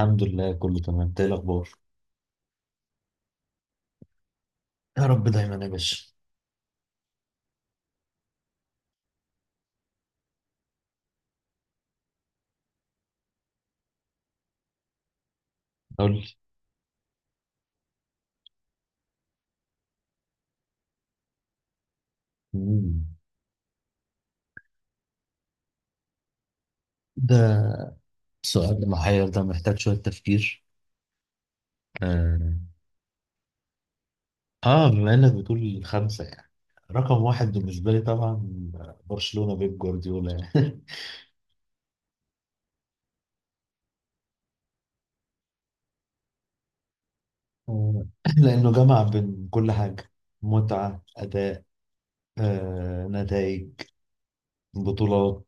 الحمد لله كله تمام. إنت ايه الاخبار؟ يا رب دايما يا باشا. قول لي. مم. ده السؤال المحير ده محتاج شويه تفكير. اه. بما انك بتقول خمسه يعني رقم واحد بالنسبه لي طبعا برشلونه بيب جوارديولا يعني. آه، لانه جمع بين كل حاجه، متعه اداء، نتائج، بطولات.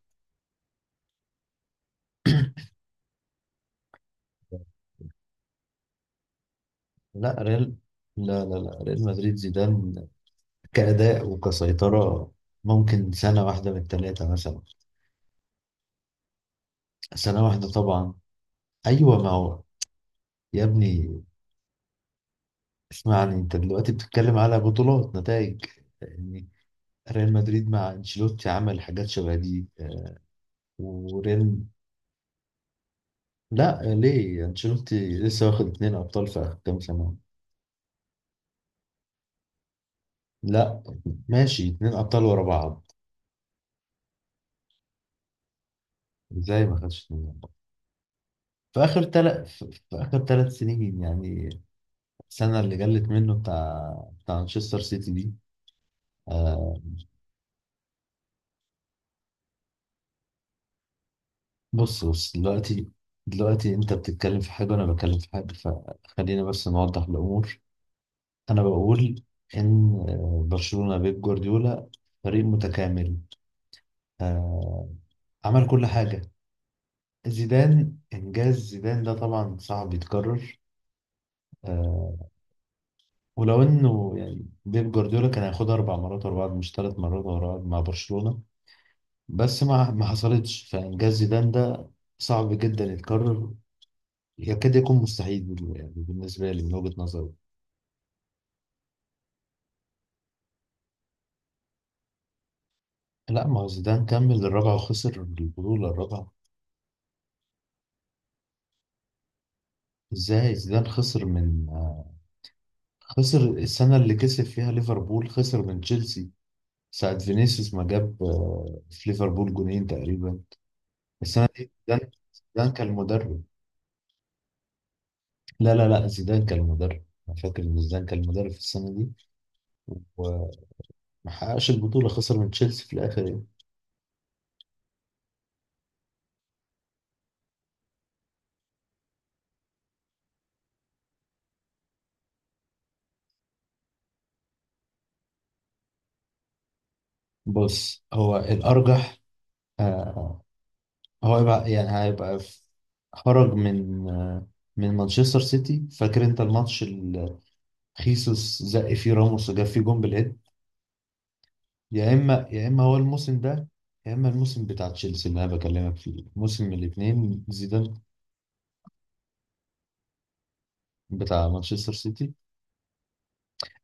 لا، ريال. لا، لا، لا، ريال مدريد زيدان كأداء وكسيطرة. ممكن سنة واحدة من التلاتة مثلا. سنة واحدة طبعا. أيوة ما هو. يا ابني، اسمعني. أنت دلوقتي بتتكلم على بطولات، نتائج يعني. ريال مدريد مع أنشيلوتي عمل حاجات شبه دي، وريال. لا، ليه أنشيلوتي لسه واخد 2 أبطال في آخر كام سنة؟ لا، ماشي، 2 أبطال ورا بعض. إزاي ما خدش 2 أبطال؟ في آخر 3 سنين يعني، السنة اللي جلت منه بتاع، مانشستر سيتي دي. آه، بص بص دلوقتي، دلوقتي انت بتتكلم في حاجة وانا بتكلم في حاجة، فخلينا بس نوضح الامور. انا بقول ان برشلونة بيب جوارديولا فريق متكامل، آه، عمل كل حاجة. زيدان، انجاز زيدان ده طبعا صعب يتكرر. آه، ولو انه يعني بيب جوارديولا كان هياخدها 4 مرات ورا بعض مش 3 مرات ورا بعض مع برشلونة، بس ما حصلتش، فانجاز زيدان ده صعب جدا يتكرر، يكاد يكون مستحيل يعني بالنسبة لي من وجهة نظري. لا، ما هو زيدان كمل الرابعة وخسر البطولة الرابعة. ازاي زيدان خسر من خسر السنة اللي كسب فيها ليفربول، خسر من تشيلسي ساعة فينيسيوس ما جاب في ليفربول جونين تقريبا. السنة دي زيدان كان المدرب. لا، لا، لا، زيدان كان المدرب. انا فاكر ان زيدان كان المدرب في السنة دي، وما حققش البطولة، خسر من تشيلسي في الآخر يعني. بص، هو الأرجح. آه، هو يبقى يعني خرج من مانشستر سيتي. فاكر انت الماتش اللي خيسوس زق فيه راموس وجاب فيه جون بالهيد؟ يا اما هو الموسم ده، يا اما الموسم بتاع تشيلسي اللي انا بكلمك فيه، موسم من الاثنين زيدان بتاع مانشستر سيتي.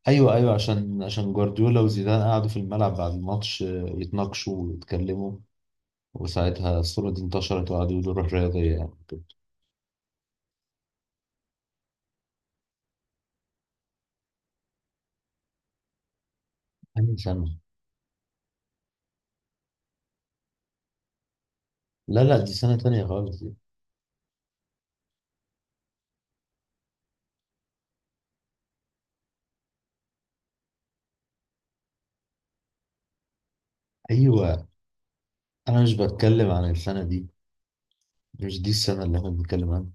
ايوه، ايوه، عشان جوارديولا وزيدان قعدوا في الملعب بعد الماتش يتناقشوا ويتكلموا، وساعتها الصورة دي انتشرت وقعدوا يقولوا روح رياضية يعني كده. أنهي سنة؟ لا، لا، دي سنة تانية خالص دي. أيوة، انا مش بتكلم عن السنه دي، مش دي السنه اللي احنا بنتكلم عنها.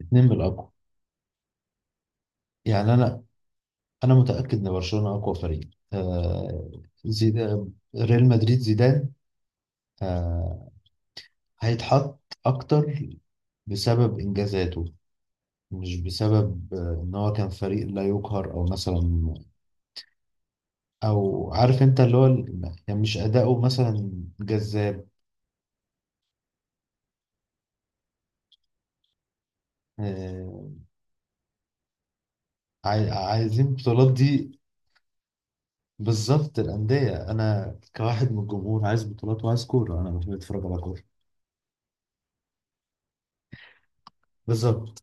اتنين من الاقوى. يعني انا، متاكد ان برشلونه اقوى فريق. زيدان، ريال مدريد زيدان آه هيتحط اكتر بسبب انجازاته، مش بسبب ان هو كان فريق لا يقهر او مثلا، او عارف انت اللي هو يعني مش اداؤه مثلا جذاب. آه، عايزين البطولات دي. بالظبط، الأندية. أنا كواحد من الجمهور عايز بطولات وعايز كورة، أنا بحب أتفرج على كورة. بالظبط.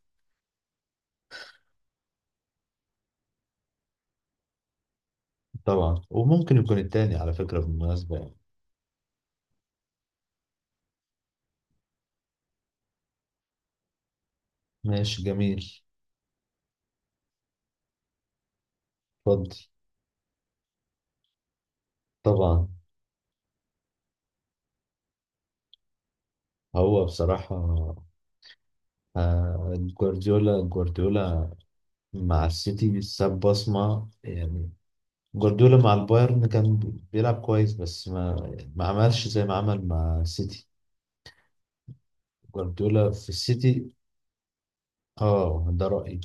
طبعا، وممكن يكون التاني على فكرة بالمناسبة يعني. ماشي، جميل. اتفضل. طبعا. هو بصراحة، جوارديولا مع السيتي ساب بصمة يعني. جوارديولا مع البايرن كان بيلعب كويس، بس ما يعني ما عملش زي ما عمل مع السيتي. جوارديولا في السيتي. اه، ده رأيي.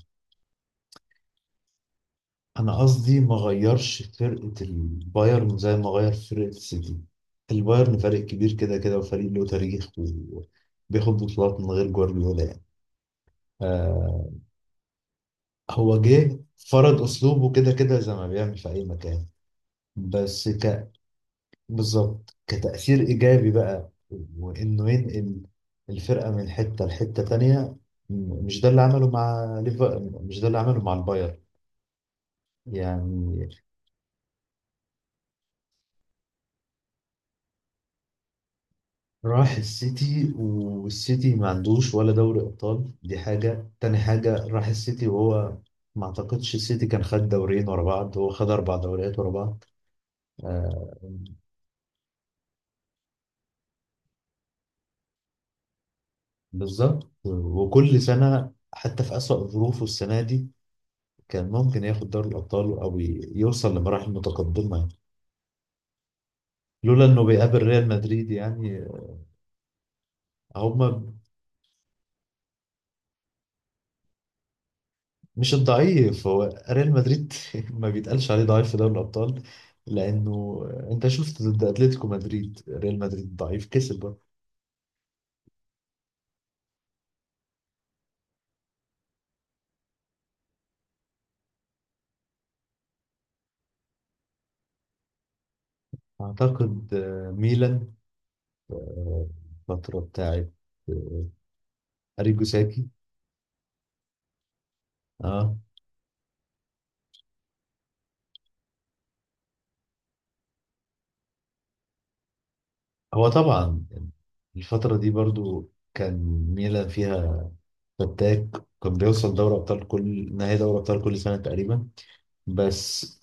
انا قصدي ما غيرش فرقه البايرن زي ما غير فرقه السيتي. البايرن فريق كبير كده كده، وفريق له تاريخ، وبياخد بطولات من غير جوارديولا يعني. آه هو جه فرض اسلوبه كده كده زي ما بيعمل في اي مكان. بس ك بالظبط، كتأثير ايجابي بقى، وانه ينقل الفرقه من حته لحته تانية. مش ده اللي عمله مع ليفا، مش ده اللي عمله مع البايرن يعني. راح السيتي والسيتي ما عندوش ولا دوري ابطال، دي حاجه تاني حاجه، راح السيتي وهو ما اعتقدش السيتي كان خد دوريين ورا بعض، هو خد 4 دوريات ورا بعض. آه بالظبط، وكل سنه حتى في اسوأ ظروفه السنه دي كان ممكن ياخد دوري الابطال او يوصل لمراحل متقدمه لولا انه بيقابل ريال مدريد يعني. هما مش الضعيف، هو ريال مدريد. ما بيتقالش عليه ضعيف في دوري الأبطال، لأنه أنت شفت ضد أتلتيكو مدريد ريال مدريد ضعيف كسب برضه. أعتقد ميلان، آه، الفترة بتاعت أريجو ساكي. اه. هو طبعا الفترة دي برضو كان ميلان فيها فتاك، كان بيوصل دوري أبطال، كل نهائي دوري أبطال كل سنة تقريبا، بس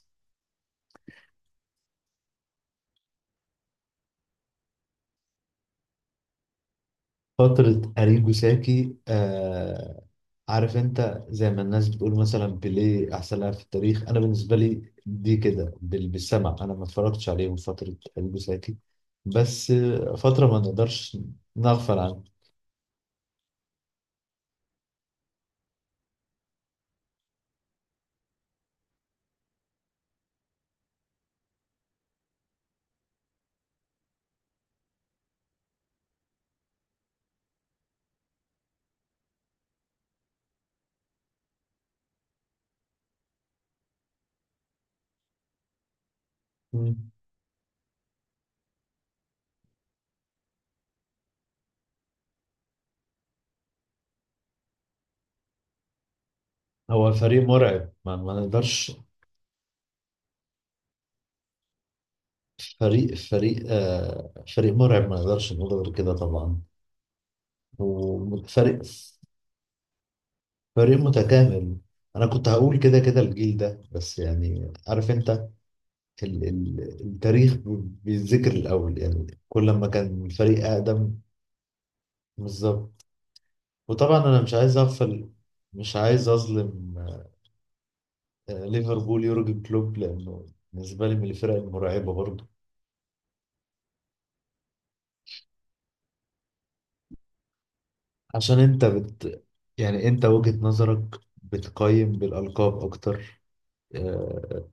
فترة أريجو ساكي. عارف انت زي ما الناس بتقول مثلا بيليه احسن لاعب في التاريخ، انا بالنسبه لي دي كده بالسمع. انا ما اتفرجتش عليهم فتره البوساكي، بس فتره ما نقدرش نغفل عنها. مم. هو فريق مرعب، ما, ما نقدرش. فريق مرعب ما نقدرش نقول غير كده طبعا، وفريق فريق متكامل. انا كنت هقول كده كده الجيل ده، بس يعني عارف انت، التاريخ بيتذكر الأول يعني، كل ما كان الفريق أقدم. بالظبط. وطبعا أنا مش عايز أغفل، مش عايز أظلم ليفربول يورجن كلوب، لأنه بالنسبة لي من الفرق المرعبة برضه. عشان أنت بت يعني أنت وجهة نظرك بتقيم بالألقاب أكتر. آه،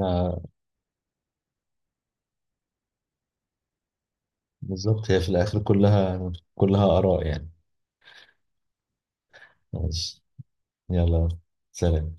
آه، بالظبط، هي في الآخر كلها كلها آراء يعني. ماشي، يلا سلام.